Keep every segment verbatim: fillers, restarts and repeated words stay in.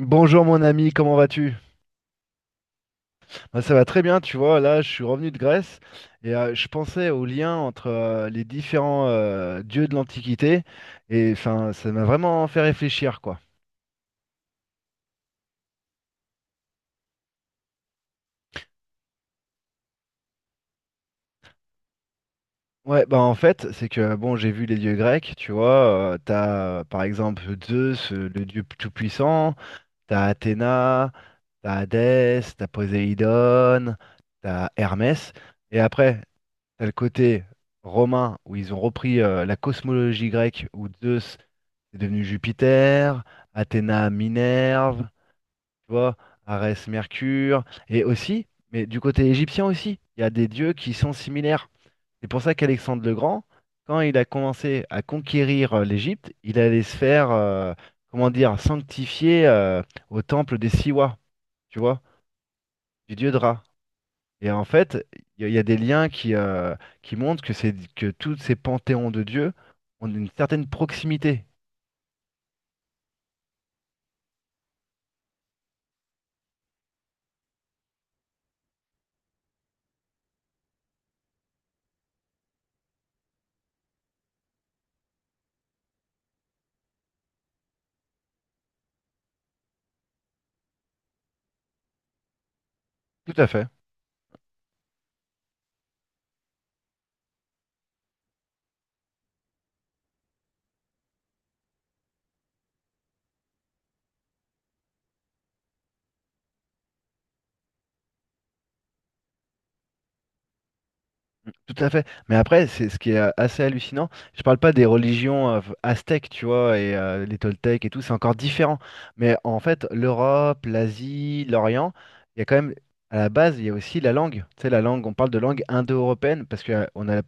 Bonjour mon ami, comment vas-tu? Bah, ça va très bien, tu vois, là je suis revenu de Grèce et euh, je pensais au lien entre euh, les différents euh, dieux de l'Antiquité et enfin ça m'a vraiment fait réfléchir quoi. Ouais, bah en fait, c'est que bon, j'ai vu les dieux grecs, tu vois, euh, t'as euh, par exemple Zeus, euh, le dieu tout-puissant, t'as Athéna, t'as Hadès, t'as Poséidon, t'as Hermès, et après, t'as le côté romain où ils ont repris euh, la cosmologie grecque où Zeus est devenu Jupiter, Athéna Minerve, tu vois, Arès Mercure, et aussi, mais du côté égyptien aussi, il y a des dieux qui sont similaires. C'est pour ça qu'Alexandre le Grand, quand il a commencé à conquérir euh, l'Égypte, il allait se faire, euh, comment dire, sanctifier euh, au temple des Siwa, tu vois, du dieu Dra. Et en fait, il y, a il y a des liens qui, euh, qui montrent que c'est que tous ces panthéons de dieux ont une certaine proximité. Tout à fait. Tout à fait. Mais après, c'est ce qui est euh, assez hallucinant. Je parle pas des religions euh, aztèques, tu vois, et euh, les Toltèques et tout, c'est encore différent. Mais en fait, l'Europe, l'Asie, l'Orient, il y a quand même, à la base, il y a aussi la langue. Tu sais, la langue, on parle de langue indo-européenne parce que euh, on a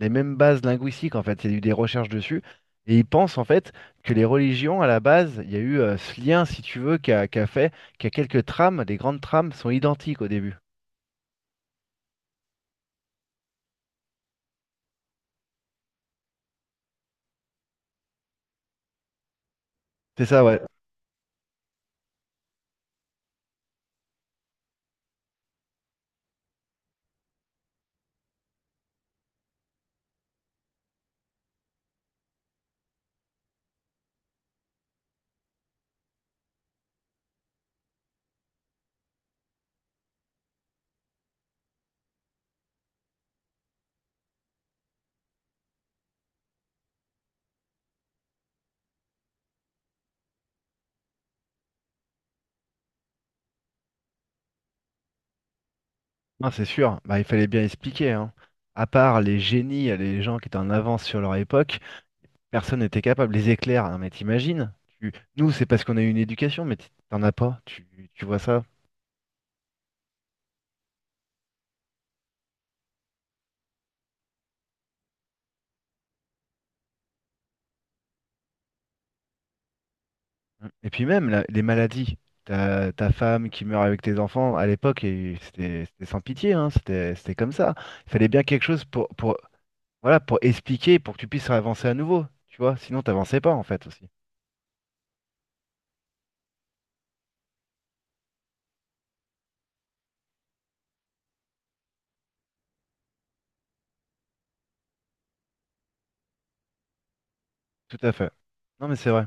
les mêmes bases linguistiques, en fait. Il y a eu des recherches dessus. Et ils pensent, en fait, que les religions, à la base, il y a eu euh, ce lien, si tu veux, qui a, qui a fait qu'à quelques trames, les grandes trames sont identiques au début. C'est ça, ouais. Non, c'est sûr, bah, il fallait bien expliquer, hein. À part les génies, les gens qui étaient en avance sur leur époque, personne n'était capable. Les éclairs, non mais t'imagines? Tu... Nous, c'est parce qu'on a eu une éducation, mais t- t'en as pas, tu, tu vois ça. Et puis même, la- les maladies. Ta, ta femme qui meurt avec tes enfants, à l'époque, et c'était c'était sans pitié, hein. C'était c'était comme ça. Il fallait bien quelque chose pour, pour, voilà, pour expliquer, pour que tu puisses avancer à nouveau, tu vois. Sinon, t'avançais pas, en fait, aussi. Tout à fait. Non, mais c'est vrai.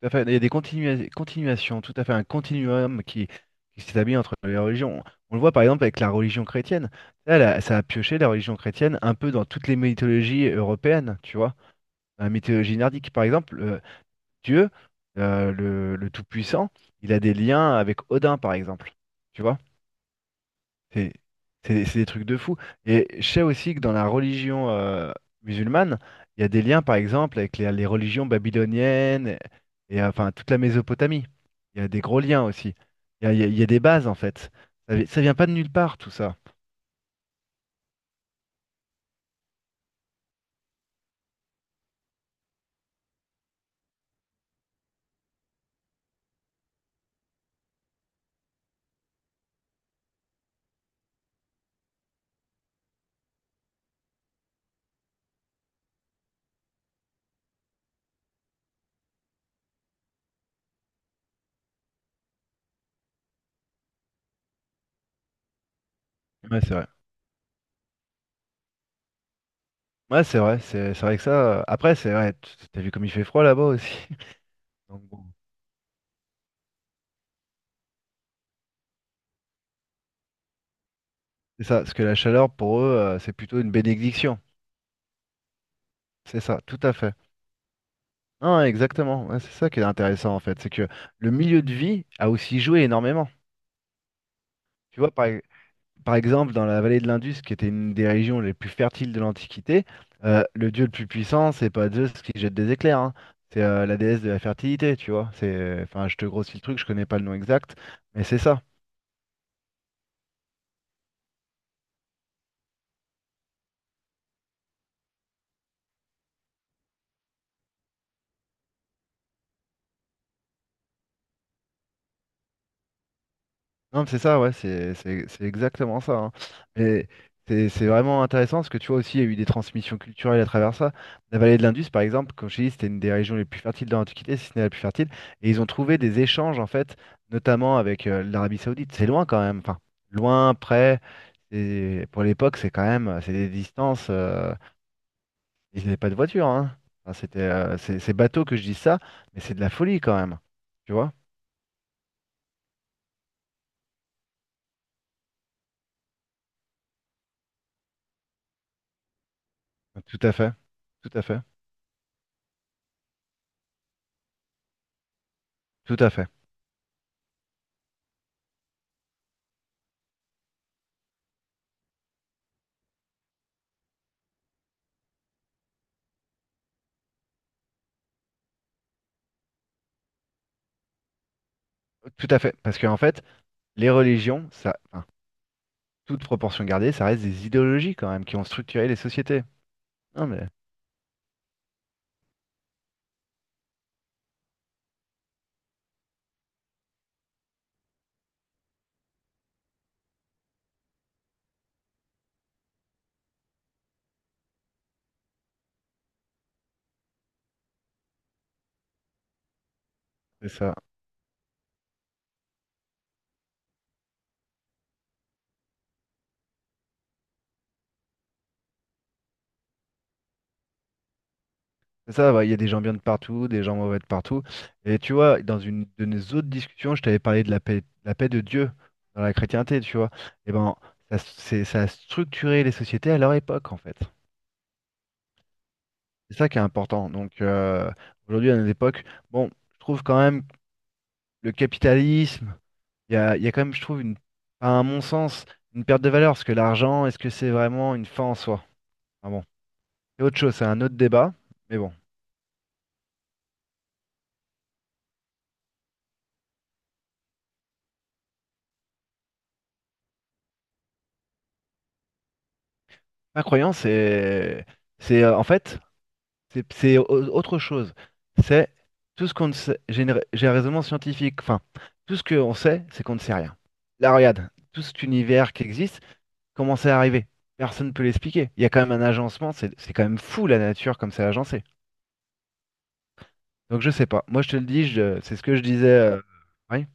Tout à fait. Il y a des continua- continuations, tout à fait, un continuum qui, qui s'établit entre les religions. On le voit par exemple avec la religion chrétienne. Là, là, ça a pioché la religion chrétienne un peu dans toutes les mythologies européennes, tu vois. Dans la mythologie nordique, par exemple, euh, Dieu, euh, le, le Tout-Puissant, il a des liens avec Odin, par exemple. Tu vois? C'est c'est- c'est des trucs de fou. Et je sais aussi que dans la religion euh, musulmane, il y a des liens, par exemple, avec les, les religions babyloniennes et, euh, enfin toute la Mésopotamie. Il y a des gros liens aussi. Il y a, il y a- il y a des bases, en fait. Ça, vi- ça vient pas de nulle part, tout ça. Ouais, c'est vrai. Ouais, c'est vrai. C'est c'est vrai que ça. euh, Après, c'est vrai. t- T'as vu comme il fait froid là-bas aussi. Donc bon, c'est ça. Parce que la chaleur, pour eux, euh, c'est plutôt une bénédiction. C'est ça, tout à fait. Non, exactement. Ouais, c'est ça qui est intéressant en fait, c'est que le milieu de vie a aussi joué énormément. Tu vois, par, e-, par exemple, dans la vallée de l'Indus, qui était une des régions les plus fertiles de l'Antiquité, euh, le dieu le plus puissant, c'est pas Zeus qui jette des éclairs, hein. C'est euh, la déesse de la fertilité, tu vois. C'est, enfin, je te grossis le truc, je connais pas le nom exact, mais c'est ça. Non, mais c'est ça, ouais, c'est c'est- c'est exactement ça, hein. Mais c'est c'est vraiment intéressant parce que tu vois aussi, il y a eu des transmissions culturelles à travers ça. La vallée de l'Indus, par exemple, comme je t'ai dit, c'était une des régions les plus fertiles dans l'Antiquité, si ce n'est la plus fertile. Et ils ont trouvé des échanges, en fait, notamment avec euh, l'Arabie Saoudite. C'est loin quand même, enfin, loin, près. Et pour l'époque, c'est quand même, c'est des distances. euh, Ils n'avaient pas de voiture, hein. Enfin, c'était, euh, c'est c'est bateau que je dis ça, mais c'est de la folie quand même. Tu vois? Tout à fait, tout à fait, tout à fait. Tout à fait, parce qu'en fait, les religions, ça, enfin, toute proportion gardée, ça reste des idéologies quand même qui ont structuré les sociétés. Non mais c'est ça, c'est ça, ouais. Il y a des gens bien de partout, des gens mauvais de partout. Et tu vois, dans une de nos autres discussions, je t'avais parlé de la paix, la paix de Dieu dans la chrétienté, tu vois. Et ben, ça, c'est, ça a structuré les sociétés à leur époque en fait. C'est ça qui est important. Donc euh, aujourd'hui, à notre époque, bon, je trouve quand même le capitalisme Il y a, il y a quand même, je trouve, une, à mon sens, une perte de valeur, parce que l'argent, est-ce que c'est vraiment une fin en soi? Ah bon, c'est autre chose, c'est un autre débat, mais bon. Ma croyance, c'est, c'est euh, en fait, c'est c'est au- autre chose. C'est tout ce qu'on ne sait, j'ai une ra- j'ai un raisonnement scientifique, enfin, tout ce qu'on sait, c'est qu'on ne sait rien. Là, regarde, tout cet univers qui existe, comment c'est arrivé? Personne ne peut l'expliquer. Il y a quand même un agencement, c'est c'est quand même fou la nature comme c'est agencé. Donc je sais pas. Moi je te le dis, je- c'est ce que je disais. Euh, oui.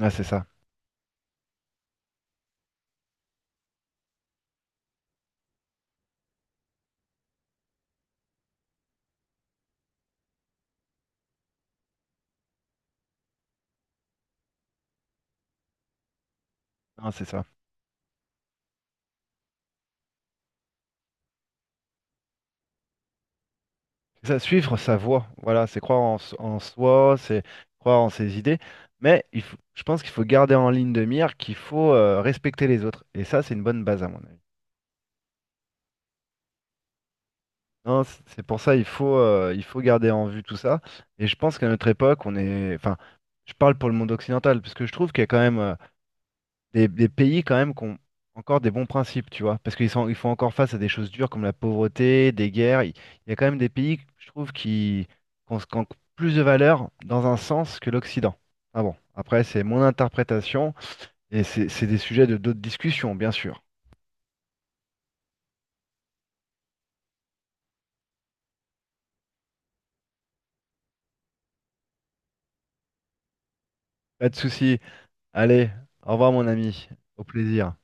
Ah, c'est ça. Ah, c'est ça. C'est ça, suivre sa voie. Voilà, c'est croire en, s- en soi, c'est croire en ses idées. Mais il faut- je pense qu'il faut garder en ligne de mire qu'il faut euh, respecter les autres. Et ça, c'est une bonne base à mon avis. Non, c- c'est pour ça il faut, euh, il faut garder en vue tout ça. Et je pense qu'à notre époque, on est. Enfin, je parle pour le monde occidental, parce que je trouve qu'il y a quand même. euh, des, des pays quand même qui ont encore des bons principes, tu vois, parce qu'ils sont, ils font encore face à des choses dures comme la pauvreté, des guerres. Il, il y a quand même des pays, je trouve, qui, qui ont, qui ont plus de valeur dans un sens que l'Occident. Ah bon, après, c'est mon interprétation et c'est c'est des sujets de d'autres discussions, bien sûr. Pas de souci. Allez, au revoir, mon ami. Au plaisir.